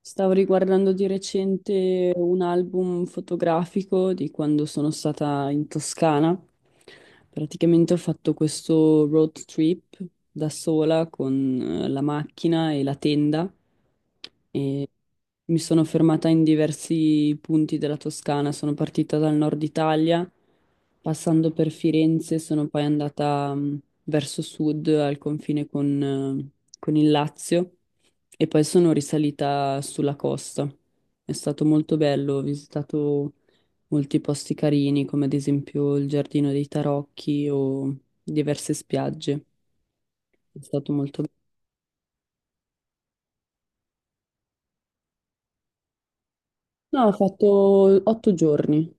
Stavo riguardando di recente un album fotografico di quando sono stata in Toscana. Praticamente ho fatto questo road trip da sola con la macchina e la tenda. Mi sono fermata in diversi punti della Toscana, sono partita dal nord Italia, passando per Firenze, sono poi andata verso sud al confine con il Lazio e poi sono risalita sulla costa. È stato molto bello, ho visitato molti posti carini, come ad esempio il Giardino dei Tarocchi o diverse spiagge. È stato molto bello. No, ho fatto 8 giorni.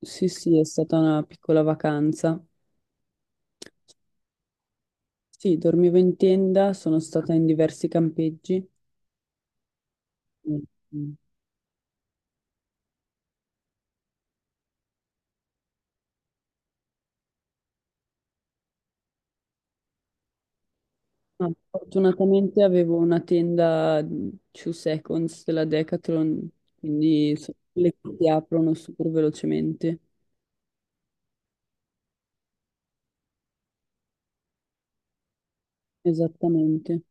Sì, sì, è stata una piccola vacanza. Sì, dormivo in tenda, sono stata in diversi campeggi. Mm. Ma fortunatamente avevo una tenda 2 seconds della Decathlon, quindi sono quelle che si aprono super velocemente. Esattamente.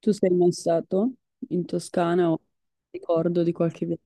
Tu sei mai stato in Toscana o ricordo di qualche viaggio?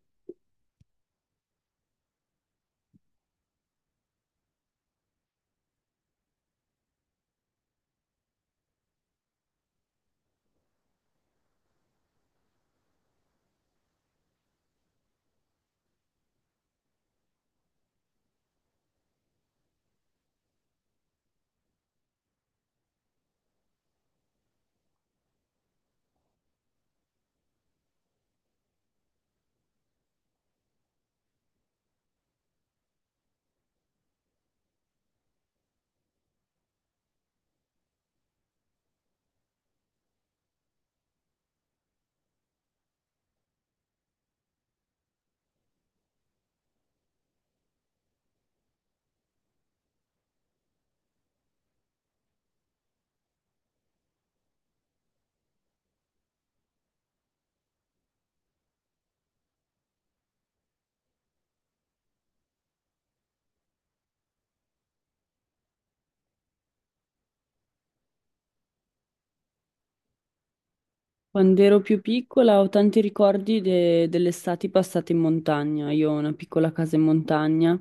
Quando ero più piccola ho tanti ricordi delle estati passate in montagna. Io ho una piccola casa in montagna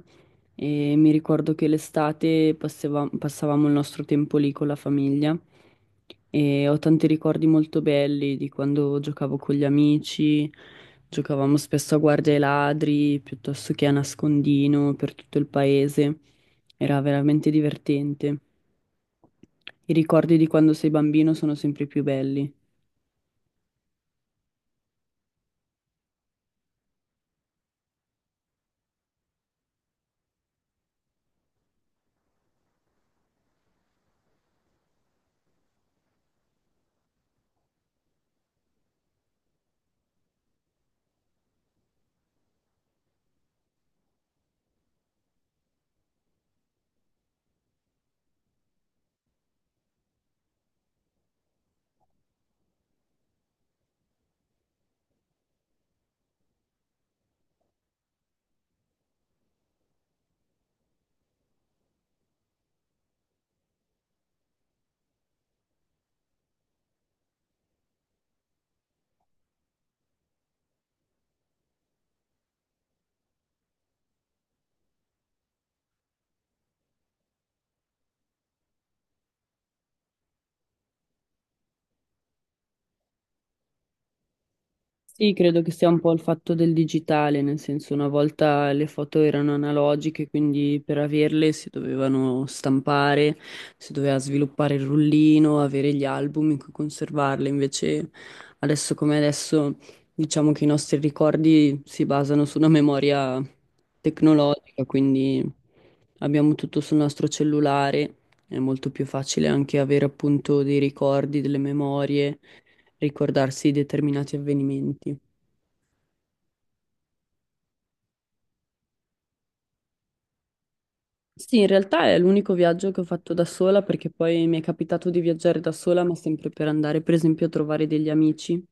e mi ricordo che l'estate passavamo il nostro tempo lì con la famiglia e ho tanti ricordi molto belli di quando giocavo con gli amici, giocavamo spesso a guardia ai ladri piuttosto che a nascondino per tutto il paese. Era veramente divertente. I ricordi di quando sei bambino sono sempre più belli. Sì, credo che sia un po' il fatto del digitale, nel senso una volta le foto erano analogiche, quindi per averle si dovevano stampare, si doveva sviluppare il rullino, avere gli album in cui conservarle. Invece adesso come adesso diciamo che i nostri ricordi si basano su una memoria tecnologica, quindi abbiamo tutto sul nostro cellulare, è molto più facile anche avere appunto dei ricordi, delle memorie ricordarsi determinati avvenimenti. Sì, in realtà è l'unico viaggio che ho fatto da sola perché poi mi è capitato di viaggiare da sola, ma sempre per andare, per esempio, a trovare degli amici.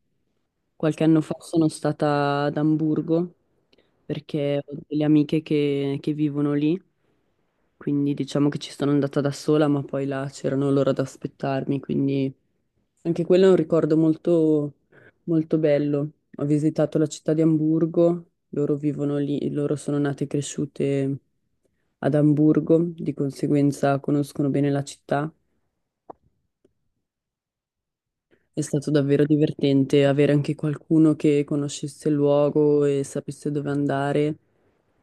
Qualche anno fa sono stata ad Amburgo perché ho delle amiche che vivono lì, quindi diciamo che ci sono andata da sola, ma poi là c'erano loro ad aspettarmi, quindi anche quello è un ricordo molto, molto bello. Ho visitato la città di Amburgo, loro vivono lì, loro sono nate e cresciute ad Amburgo, di conseguenza conoscono bene la città. È stato davvero divertente avere anche qualcuno che conoscesse il luogo e sapesse dove andare,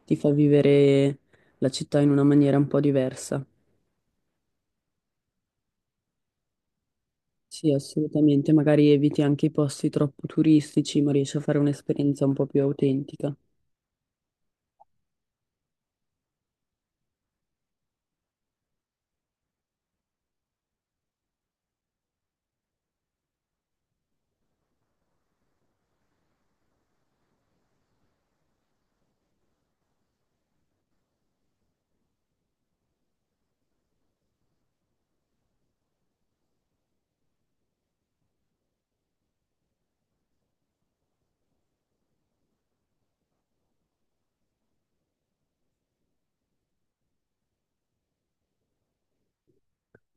ti fa vivere la città in una maniera un po' diversa. Sì, assolutamente, magari eviti anche i posti troppo turistici, ma riesci a fare un'esperienza un po' più autentica.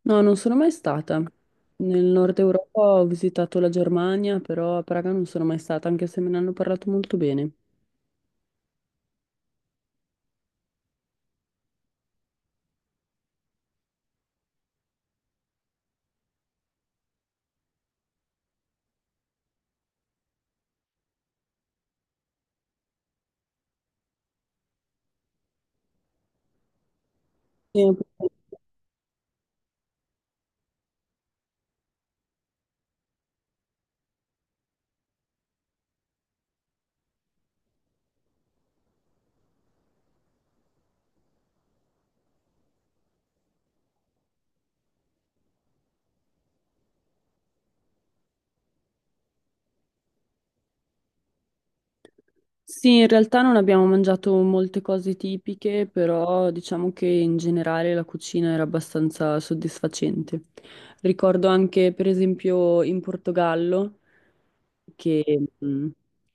No, non sono mai stata. Nel nord Europa ho visitato la Germania, però a Praga non sono mai stata, anche se me ne hanno parlato molto bene. Eh, Sì, in realtà non abbiamo mangiato molte cose tipiche, però diciamo che in generale la cucina era abbastanza soddisfacente. Ricordo anche, per esempio, in Portogallo, che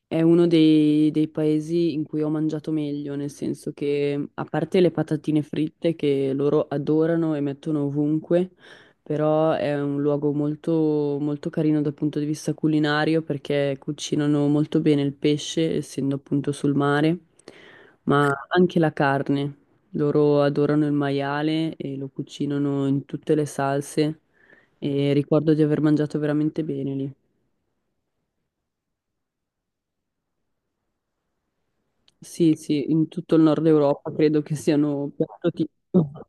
è uno dei, dei paesi in cui ho mangiato meglio, nel senso che, a parte le patatine fritte che loro adorano e mettono ovunque, però è un luogo molto, molto carino dal punto di vista culinario perché cucinano molto bene il pesce, essendo appunto sul mare, ma anche la carne. Loro adorano il maiale e lo cucinano in tutte le salse e ricordo di aver mangiato veramente bene lì. Sì, sì, in tutto il nord Europa credo che siano piatto tipico.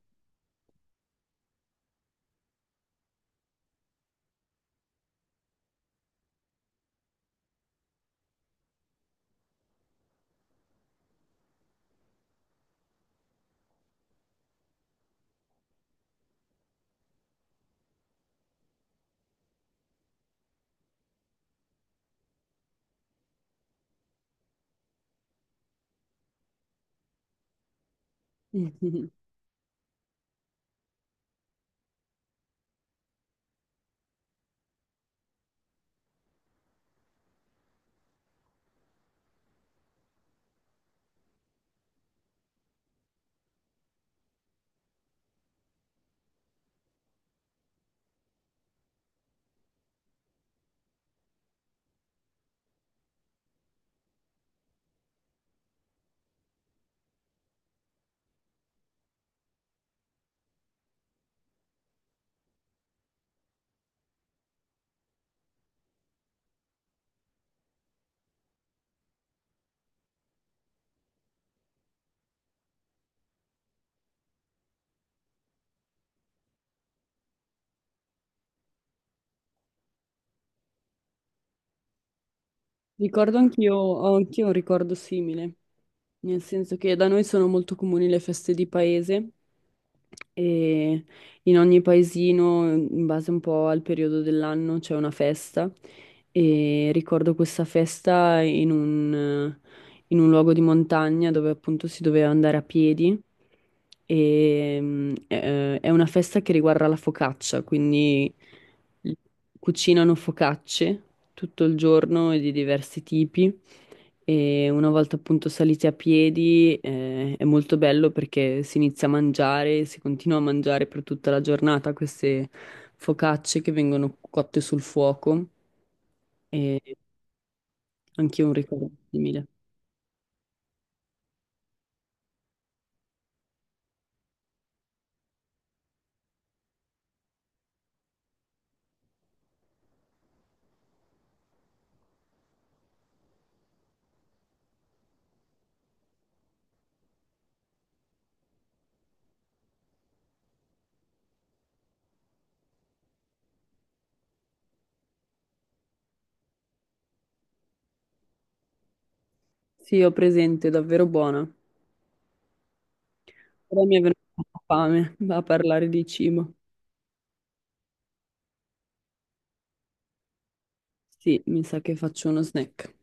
Ricordo anch'io, ho anch'io un ricordo simile. Nel senso che da noi sono molto comuni le feste di paese e in ogni paesino, in base un po' al periodo dell'anno, c'è una festa e ricordo questa festa in un luogo di montagna dove appunto si doveva andare a piedi e è una festa che riguarda la focaccia, quindi cucinano focacce tutto il giorno e di diversi tipi. E una volta appunto saliti a piedi, è molto bello perché si inizia a mangiare, si continua a mangiare per tutta la giornata queste focacce che vengono cotte sul fuoco e anche un ricordo simile. Sì, ho presente, è davvero buona. Però mi è venuta fame a parlare di cibo. Sì, mi sa che faccio uno snack.